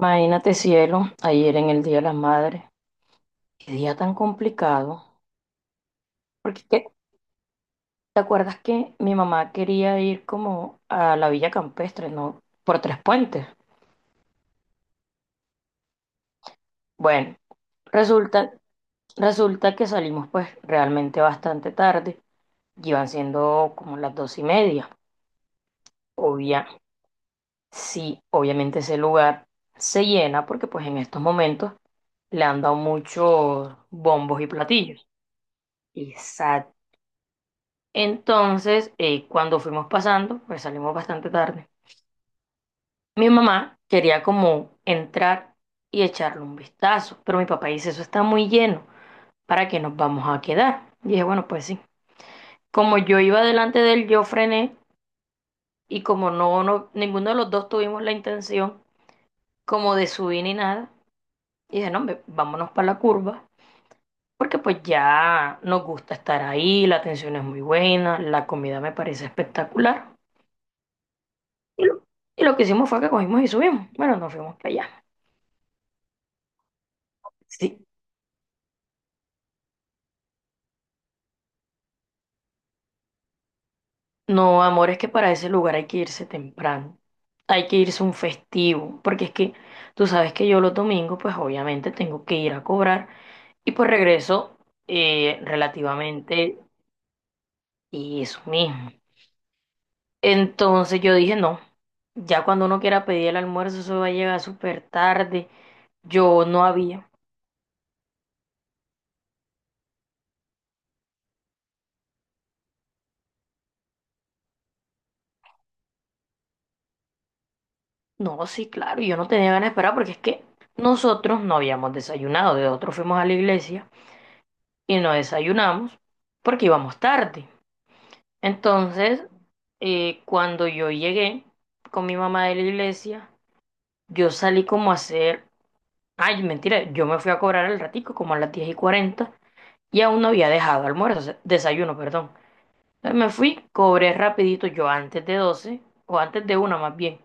Imagínate, cielo, ayer en el Día de las Madres, qué día tan complicado. Porque es que, ¿te acuerdas que mi mamá quería ir como a la Villa Campestre? ¿No? Por Tres Puentes. Bueno, resulta, resulta que salimos pues realmente bastante tarde. Iban siendo como las 2:30. Obvia, sí, obviamente ese lugar se llena porque pues en estos momentos le han dado muchos bombos y platillos. Exacto. Entonces, cuando fuimos pasando, pues salimos bastante tarde. Mi mamá quería como entrar y echarle un vistazo, pero mi papá dice, eso está muy lleno, ¿para qué nos vamos a quedar? Y dije, bueno, pues sí. Como yo iba delante de él, yo frené y como no, ninguno de los dos tuvimos la intención como de subir ni nada, y dije, no, hombre, vámonos para la curva, porque pues ya nos gusta estar ahí, la atención es muy buena, la comida me parece espectacular. Y lo, y lo que hicimos fue que cogimos y subimos. Bueno, nos fuimos para allá. Sí. No, amor, es que para ese lugar hay que irse temprano. Hay que irse un festivo. Porque es que tú sabes que yo los domingos, pues obviamente tengo que ir a cobrar. Y pues regreso relativamente y eso mismo. Entonces yo dije, no, ya cuando uno quiera pedir el almuerzo, eso va a llegar súper tarde. Yo no había. No, sí, claro, yo no tenía ganas de esperar porque es que nosotros no habíamos desayunado, de otro fuimos a la iglesia y no desayunamos porque íbamos tarde. Entonces, cuando yo llegué con mi mamá de la iglesia, yo salí como a hacer, ay, mentira, yo me fui a cobrar al ratico como a las 10:40 y aún no había dejado almuerzo, o sea, desayuno, perdón. Entonces me fui, cobré rapidito yo antes de 12 o antes de una más bien.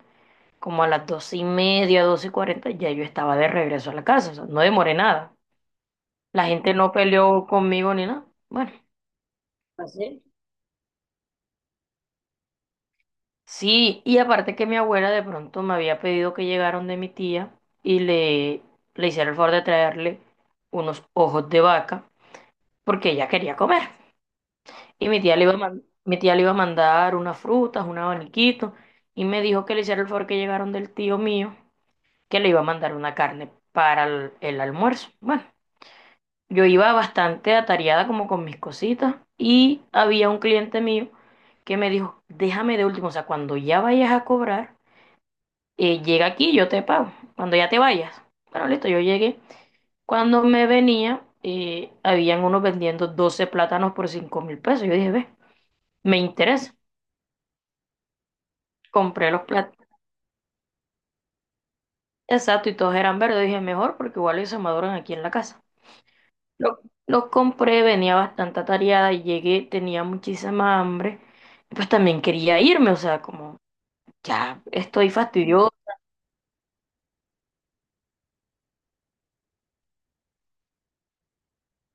Como a las 2:30, 2:40, ya yo estaba de regreso a la casa, o sea, no demoré nada. La gente no peleó conmigo ni nada. Bueno. Así. Sí, y aparte que mi abuela de pronto me había pedido que llegaron de mi tía y le hiciera el favor de traerle unos ojos de vaca porque ella quería comer. Y mi tía le iba a mandar unas frutas, un abaniquito, y me dijo que le hiciera el favor que llegaron del tío mío, que le iba a mandar una carne para el almuerzo. Bueno. Yo iba bastante atareada como con mis cositas y había un cliente mío que me dijo, déjame de último, o sea, cuando ya vayas a cobrar, llega aquí, yo te pago, cuando ya te vayas. Bueno, listo, yo llegué. Cuando me venía, habían unos vendiendo 12 plátanos por 5.000 pesos. Yo dije, ve, me interesa. Compré los plátanos, exacto, y todos eran verdes. Dije, mejor porque igual ellos se maduran aquí en la casa. Lo, lo compré, venía bastante atareada y llegué, tenía muchísima hambre. Y pues también quería irme, o sea, como ya estoy fastidioso.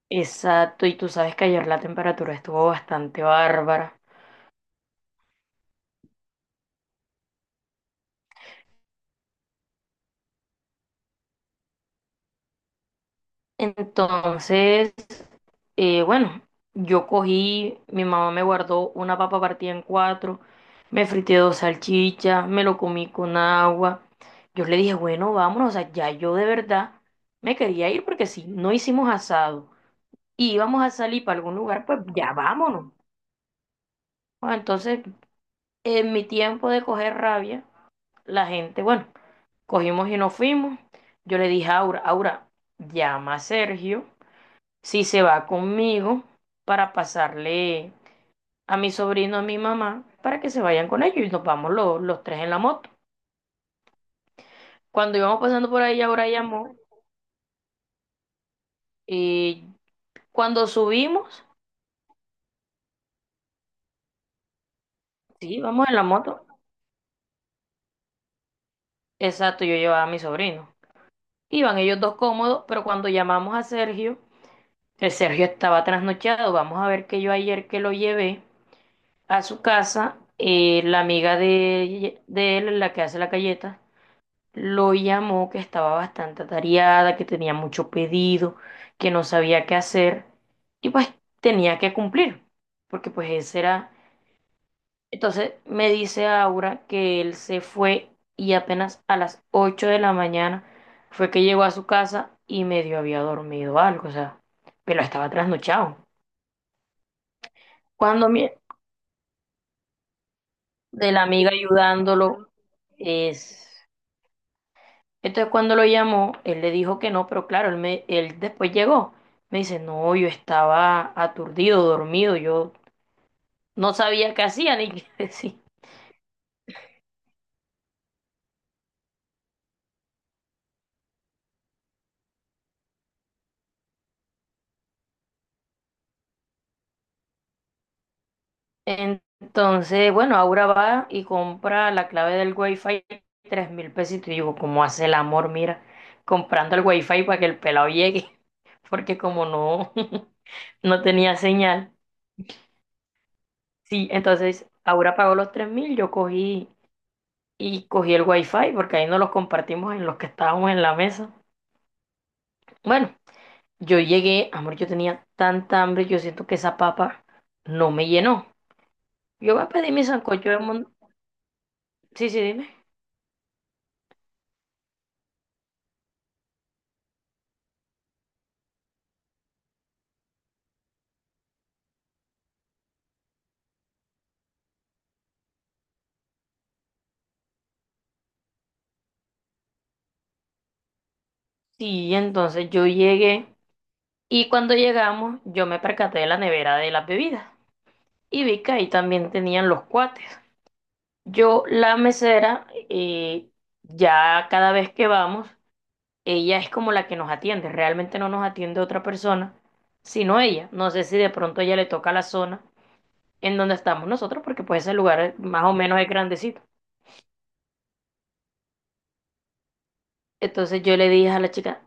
Exacto, y tú sabes que ayer la temperatura estuvo bastante bárbara. Entonces, bueno, yo cogí, mi mamá me guardó una papa partida en cuatro, me frité dos salchichas, me lo comí con agua. Yo le dije, bueno, vámonos, o sea, ya yo de verdad me quería ir porque si no hicimos asado. Y íbamos a salir para algún lugar, pues ya vámonos. Bueno, entonces, en mi tiempo de coger rabia, la gente, bueno, cogimos y nos fuimos. Yo le dije a Aura, Aura, llama a Sergio si se va conmigo para pasarle a mi sobrino, a mi mamá, para que se vayan con ellos y nos vamos los tres en la moto. Cuando íbamos pasando por ahí, Aura llamó y cuando subimos, sí, vamos en la moto. Exacto, yo llevaba a mi sobrino. Iban ellos dos cómodos, pero cuando llamamos a Sergio, el Sergio estaba trasnochado. Vamos a ver que yo ayer que lo llevé a su casa, la amiga de él, la que hace la galleta, lo llamó que estaba bastante atareada, que tenía mucho pedido, que no sabía qué hacer y pues tenía que cumplir, porque pues ese era entonces me dice Aura que él se fue y apenas a las 8 de la mañana fue que llegó a su casa y medio había dormido algo, o sea, pero estaba trasnochado. Cuando mi- de la amiga ayudándolo es entonces cuando lo llamó, él le dijo que no, pero claro, él después llegó. Me dice, "No, yo estaba aturdido, dormido, yo no sabía qué hacía ni qué decir." Entonces, bueno, Aura va y compra la clave del Wi-Fi, 3.000 pesitos. Y digo, ¿cómo hace el amor? Mira, comprando el Wi-Fi para que el pelado llegue, porque como no, no tenía señal. Sí, entonces Aura pagó los 3.000, yo cogí y cogí el Wi-Fi, porque ahí no los compartimos en los que estábamos en la mesa. Bueno, yo llegué, amor, yo tenía tanta hambre, yo siento que esa papa no me llenó. Yo voy a pedir mi sancocho de mon... Sí, sí, dime. Sí, entonces yo llegué y cuando llegamos yo me percaté de la nevera de las bebidas y vi que ahí también tenían los cuates. Yo, la mesera, ya cada vez que vamos, ella es como la que nos atiende, realmente no nos atiende otra persona, sino ella. No sé si de pronto ella le toca la zona en donde estamos nosotros, porque pues ese lugar más o menos es grandecito. Entonces yo le dije a la chica,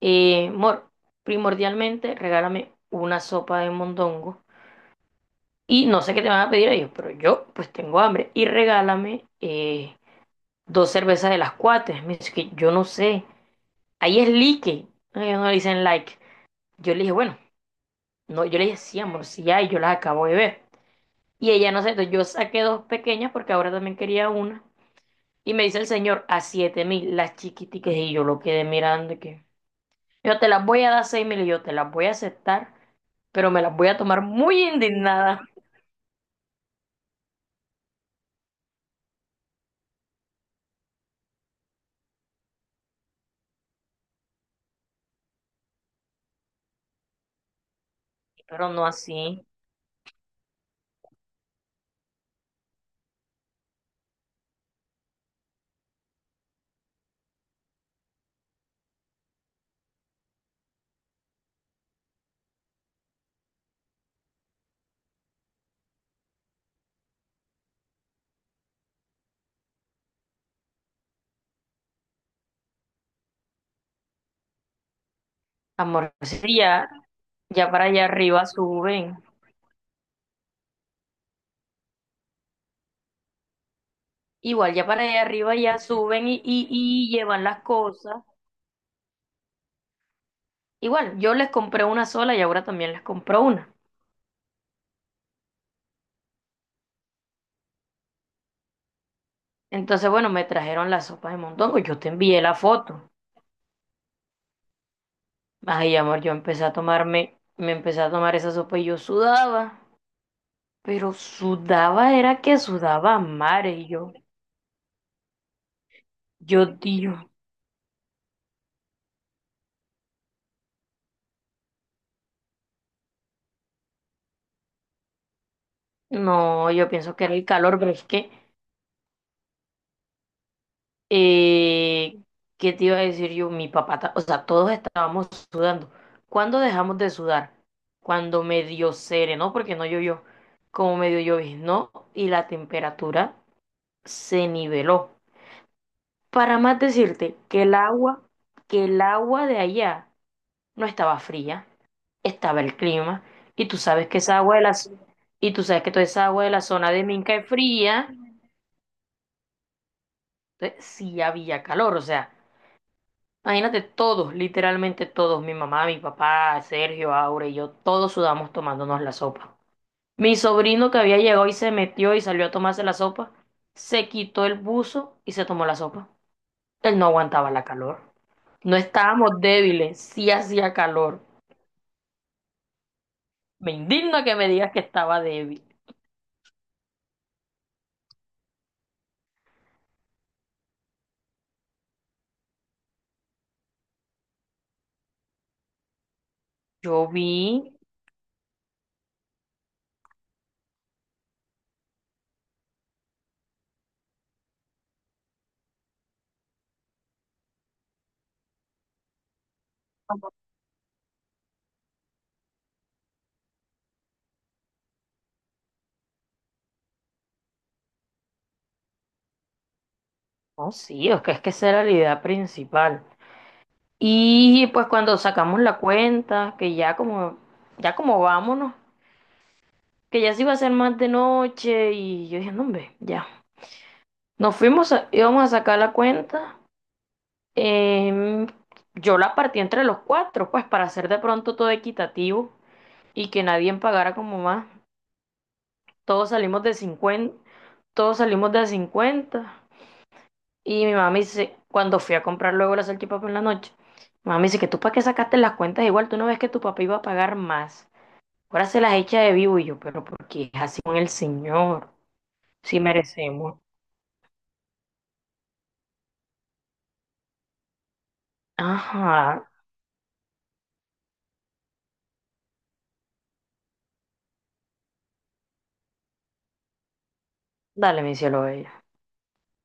Mor, primordialmente regálame una sopa de mondongo. Y no sé qué te van a pedir ellos, pero yo pues tengo hambre. Y regálame dos cervezas de las cuatro. Me dice que yo no sé. Ahí es like. No, ellos no le dicen like. Yo le dije, bueno, no, yo le dije, sí, amor, sí hay, yo las acabo de ver. Y ella no sé, entonces yo saqué dos pequeñas porque ahora también quería una. Y me dice el señor, a 7.000, las chiquiticas. Y yo lo quedé mirando y que yo te las voy a dar 6.000 y yo te las voy a aceptar, pero me las voy a tomar muy indignada. Pero no así. Amor, sí, ya. Ya para allá arriba suben. Igual, ya para allá arriba ya suben y llevan las cosas. Igual, yo les compré una sola y ahora también les compró una. Entonces, bueno, me trajeron las sopas de mondongo. Yo te envié la foto. Ay, amor, yo empecé a tomarme, me empecé a tomar esa sopa y yo sudaba. Pero sudaba, era que sudaba a mares. Y yo, tío, no, yo pienso que era el calor, pero es que Eh, ¿Qué te iba a decir yo? Mi papá, o sea, todos estábamos sudando. ¿Cuándo dejamos de sudar? Cuando medio serenó, porque no llovió, como medio lloviznó y la temperatura se niveló. Para más decirte que el agua de allá no estaba fría, estaba el clima, y tú sabes que esa agua de la y tú sabes que toda esa agua de la zona de Minca es fría, entonces sí había calor, o sea. Imagínate todos, literalmente todos, mi mamá, mi papá, Sergio, Aure y yo, todos sudamos tomándonos la sopa. Mi sobrino que había llegado y se metió y salió a tomarse la sopa, se quitó el buzo y se tomó la sopa. Él no aguantaba la calor. No estábamos débiles, sí hacía calor. Me indigna que me digas que estaba débil. Yo vi, no, sí, es que esa era la idea principal. Y pues cuando sacamos la cuenta, que ya como vámonos. Que ya se iba a hacer más de noche y yo dije, no, hombre, ya. Nos fuimos, íbamos a sacar la cuenta. em, yo la partí entre los cuatro, pues para hacer de pronto todo equitativo y que nadie pagara como más. Todos salimos de 50, todos salimos de 50. Y mi mamá me dice, cuando fui a comprar luego la salchipapa en la noche, mi mamá me dice que tú para qué sacaste las cuentas igual, tú no ves que tu papá iba a pagar más. Ahora se las echa de vivo y yo, pero porque es así con el señor, si merecemos. Ajá. Dale, mi cielo bello.